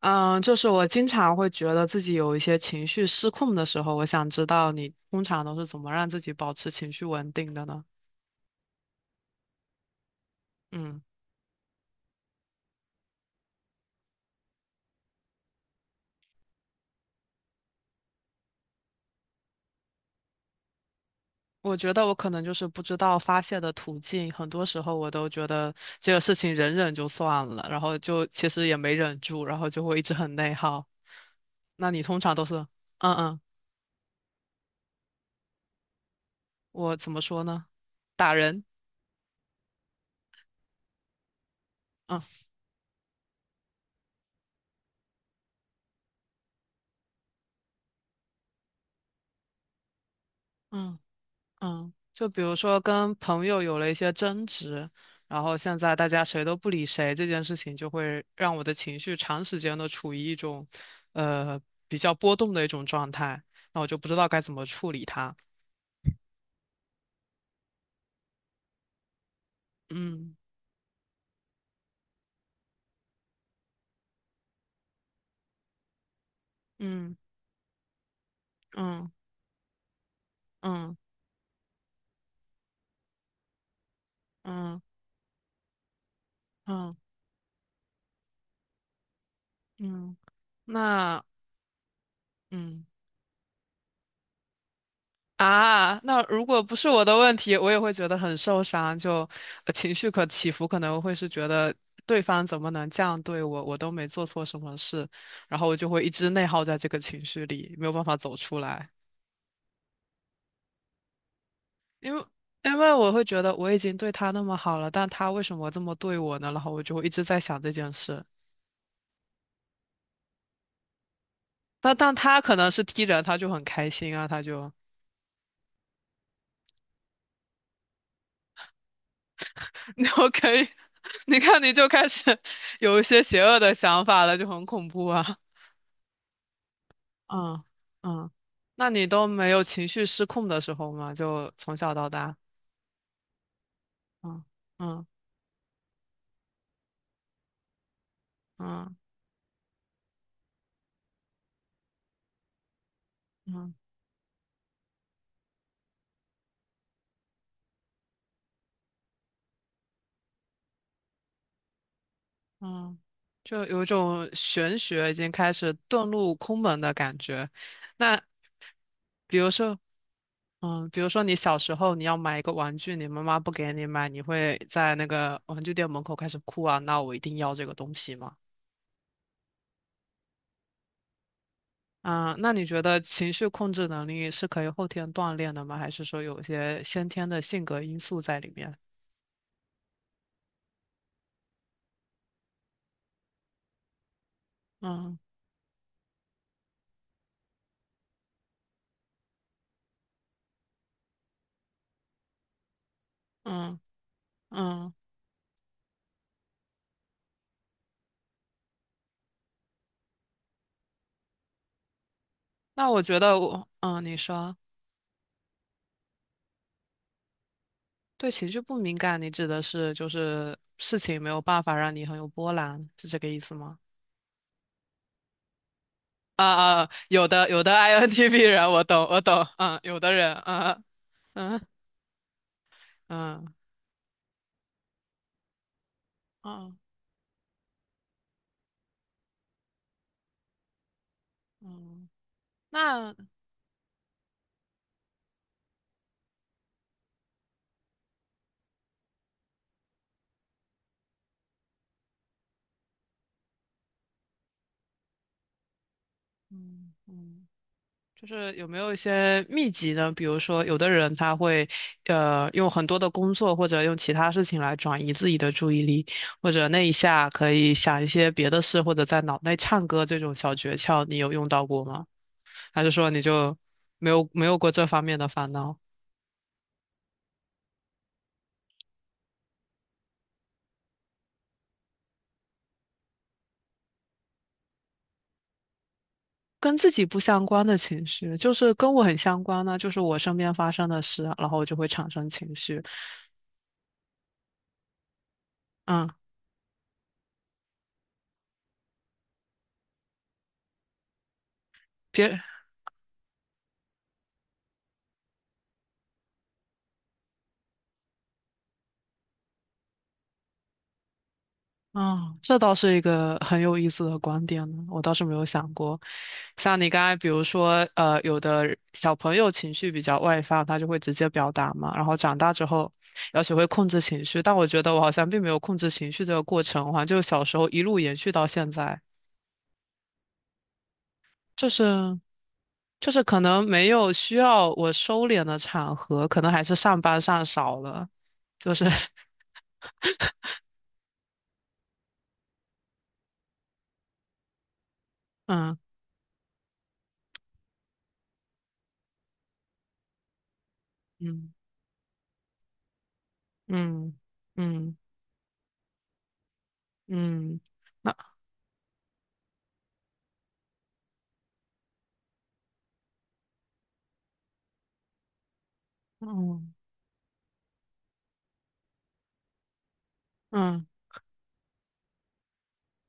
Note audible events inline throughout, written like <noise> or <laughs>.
嗯，就是我经常会觉得自己有一些情绪失控的时候，我想知道你通常都是怎么让自己保持情绪稳定的呢？嗯，我觉得我可能就是不知道发泄的途径，很多时候我都觉得这个事情忍忍就算了，然后就其实也没忍住，然后就会一直很内耗。那你通常都是，嗯嗯，我怎么说呢？打人，嗯嗯。嗯，就比如说跟朋友有了一些争执，然后现在大家谁都不理谁，这件事情就会让我的情绪长时间的处于一种，呃，比较波动的一种状态，那我就不知道该怎么处理它。嗯嗯嗯嗯嗯嗯嗯，那嗯。啊，那如果不是我的问题，我也会觉得很受伤，就情绪可起伏，可能会是觉得对方怎么能这样对我，我都没做错什么事，然后我就会一直内耗在这个情绪里，没有办法走出来，因为因为我会觉得我已经对他那么好了，但他为什么这么对我呢？然后我就会一直在想这件事。但他可能是 T 人，他就很开心啊，他就 <laughs> 你我可以，<laughs> 你看你就开始有一些邪恶的想法了，就很恐怖啊。嗯嗯，那你都没有情绪失控的时候吗？就从小到大，嗯嗯嗯嗯嗯，就有一种玄学已经开始遁入空门的感觉。那比如说，嗯，比如说你小时候你要买一个玩具，你妈妈不给你买，你会在那个玩具店门口开始哭啊，那我一定要这个东西吗？嗯，那你觉得情绪控制能力是可以后天锻炼的吗？还是说有一些先天的性格因素在里面？嗯嗯嗯，那我觉得我，嗯，你说对情绪不敏感，你指的是就是事情没有办法让你很有波澜，是这个意思吗？啊啊，有的有的 INTP <laughs> 人，我懂我懂，嗯，有的人，啊嗯嗯嗯嗯，那嗯嗯。就是有没有一些秘籍呢？比如说，有的人他会，用很多的工作或者用其他事情来转移自己的注意力，或者那一下可以想一些别的事，或者在脑内唱歌这种小诀窍，你有用到过吗？还是说你就没有过这方面的烦恼？跟自己不相关的情绪，就是跟我很相关呢，就是我身边发生的事，然后我就会产生情绪。嗯，别啊，这倒是一个很有意思的观点呢，我倒是没有想过。像你刚才，比如说，有的小朋友情绪比较外放，他就会直接表达嘛，然后长大之后要学会控制情绪。但我觉得我好像并没有控制情绪这个过程，好像就小时候一路延续到现在，就是就是可能没有需要我收敛的场合，可能还是上班上少了，就是 <laughs> 嗯嗯嗯嗯嗯，那嗯。嗯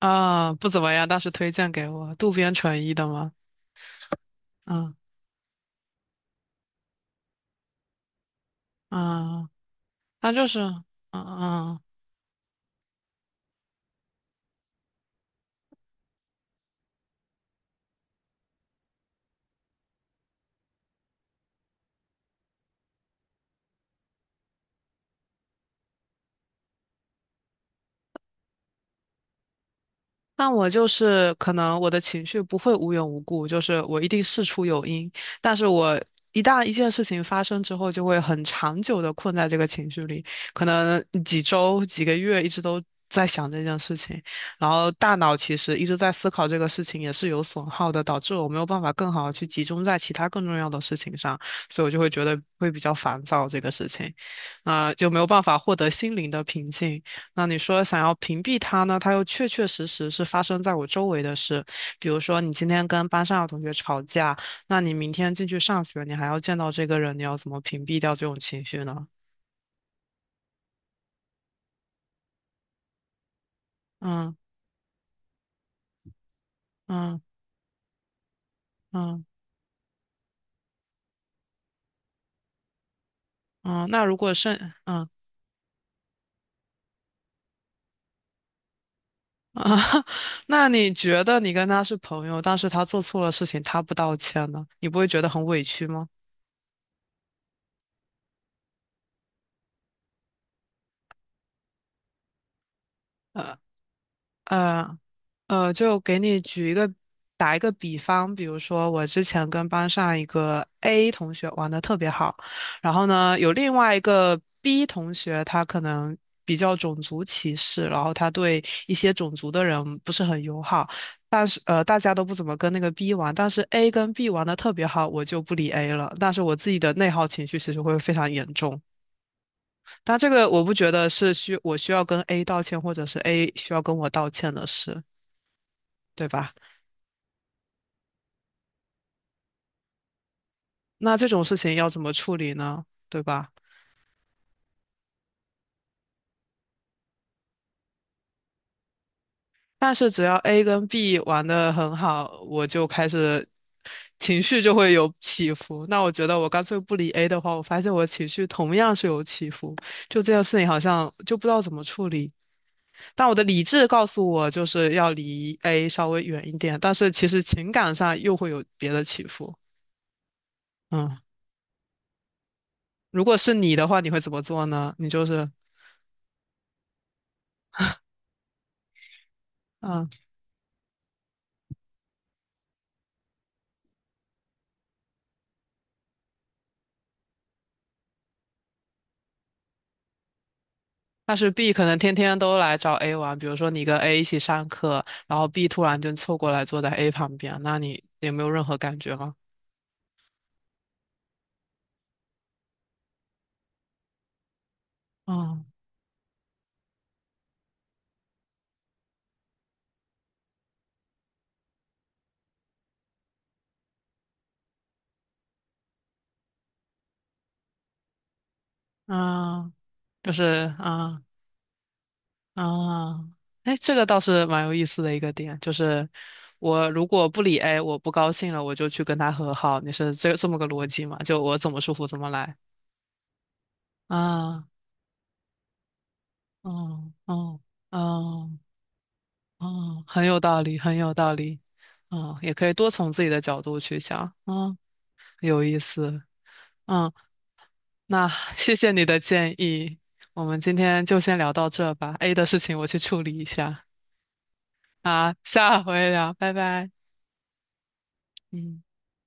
啊，不怎么样，但是推荐给我渡边淳一的吗？嗯嗯，他就是嗯嗯那我就是可能我的情绪不会无缘无故，就是我一定事出有因，但是我一旦一件事情发生之后，就会很长久的困在这个情绪里，可能几周、几个月一直都在想这件事情，然后大脑其实一直在思考这个事情也是有损耗的，导致我没有办法更好的去集中在其他更重要的事情上，所以我就会觉得会比较烦躁这个事情，啊、就没有办法获得心灵的平静。那你说想要屏蔽他呢，他又确确实实是发生在我周围的事。比如说，你今天跟班上的同学吵架，那你明天进去上学，你还要见到这个人，你要怎么屏蔽掉这种情绪呢？嗯嗯嗯嗯，那如果是嗯啊，<laughs> 那你觉得你跟他是朋友，但是他做错了事情，他不道歉呢，你不会觉得很委屈吗？呃呃就给你举一个打一个比方，比如说我之前跟班上一个 A 同学玩的特别好，然后呢，有另外一个 B 同学，他可能比较种族歧视，然后他对一些种族的人不是很友好，但是大家都不怎么跟那个 B 玩，但是 A 跟 B 玩的特别好，我就不理 A 了，但是我自己的内耗情绪其实会非常严重。但这个我不觉得是我需要跟 A 道歉，或者是 A 需要跟我道歉的事，对吧？那这种事情要怎么处理呢？对吧？但是只要 A 跟 B 玩的很好，我就开始情绪就会有起伏。那我觉得我干脆不理 A 的话，我发现我情绪同样是有起伏。就这件事情好像就不知道怎么处理。但我的理智告诉我就是要离 A 稍微远一点，但是其实情感上又会有别的起伏。嗯，如果是你的话，你会怎么做呢？你就是。嗯。但是 B 可能天天都来找 A 玩，比如说你跟 A 一起上课，然后 B 突然就凑过来坐在 A 旁边，那你也没有任何感觉吗？嗯嗯，就是嗯嗯，哎，这个倒是蛮有意思的一个点，就是我如果不理 A，我不高兴了，我就去跟他和好，你是这么个逻辑嘛？就我怎么舒服怎么来。啊，嗯嗯嗯嗯，很有道理，很有道理。嗯，也可以多从自己的角度去想。嗯。有意思。嗯，那 <laughs> 谢谢你的建议，我们今天就先聊到这吧。A 的事情我去处理一下。啊，下回聊，拜拜。嗯。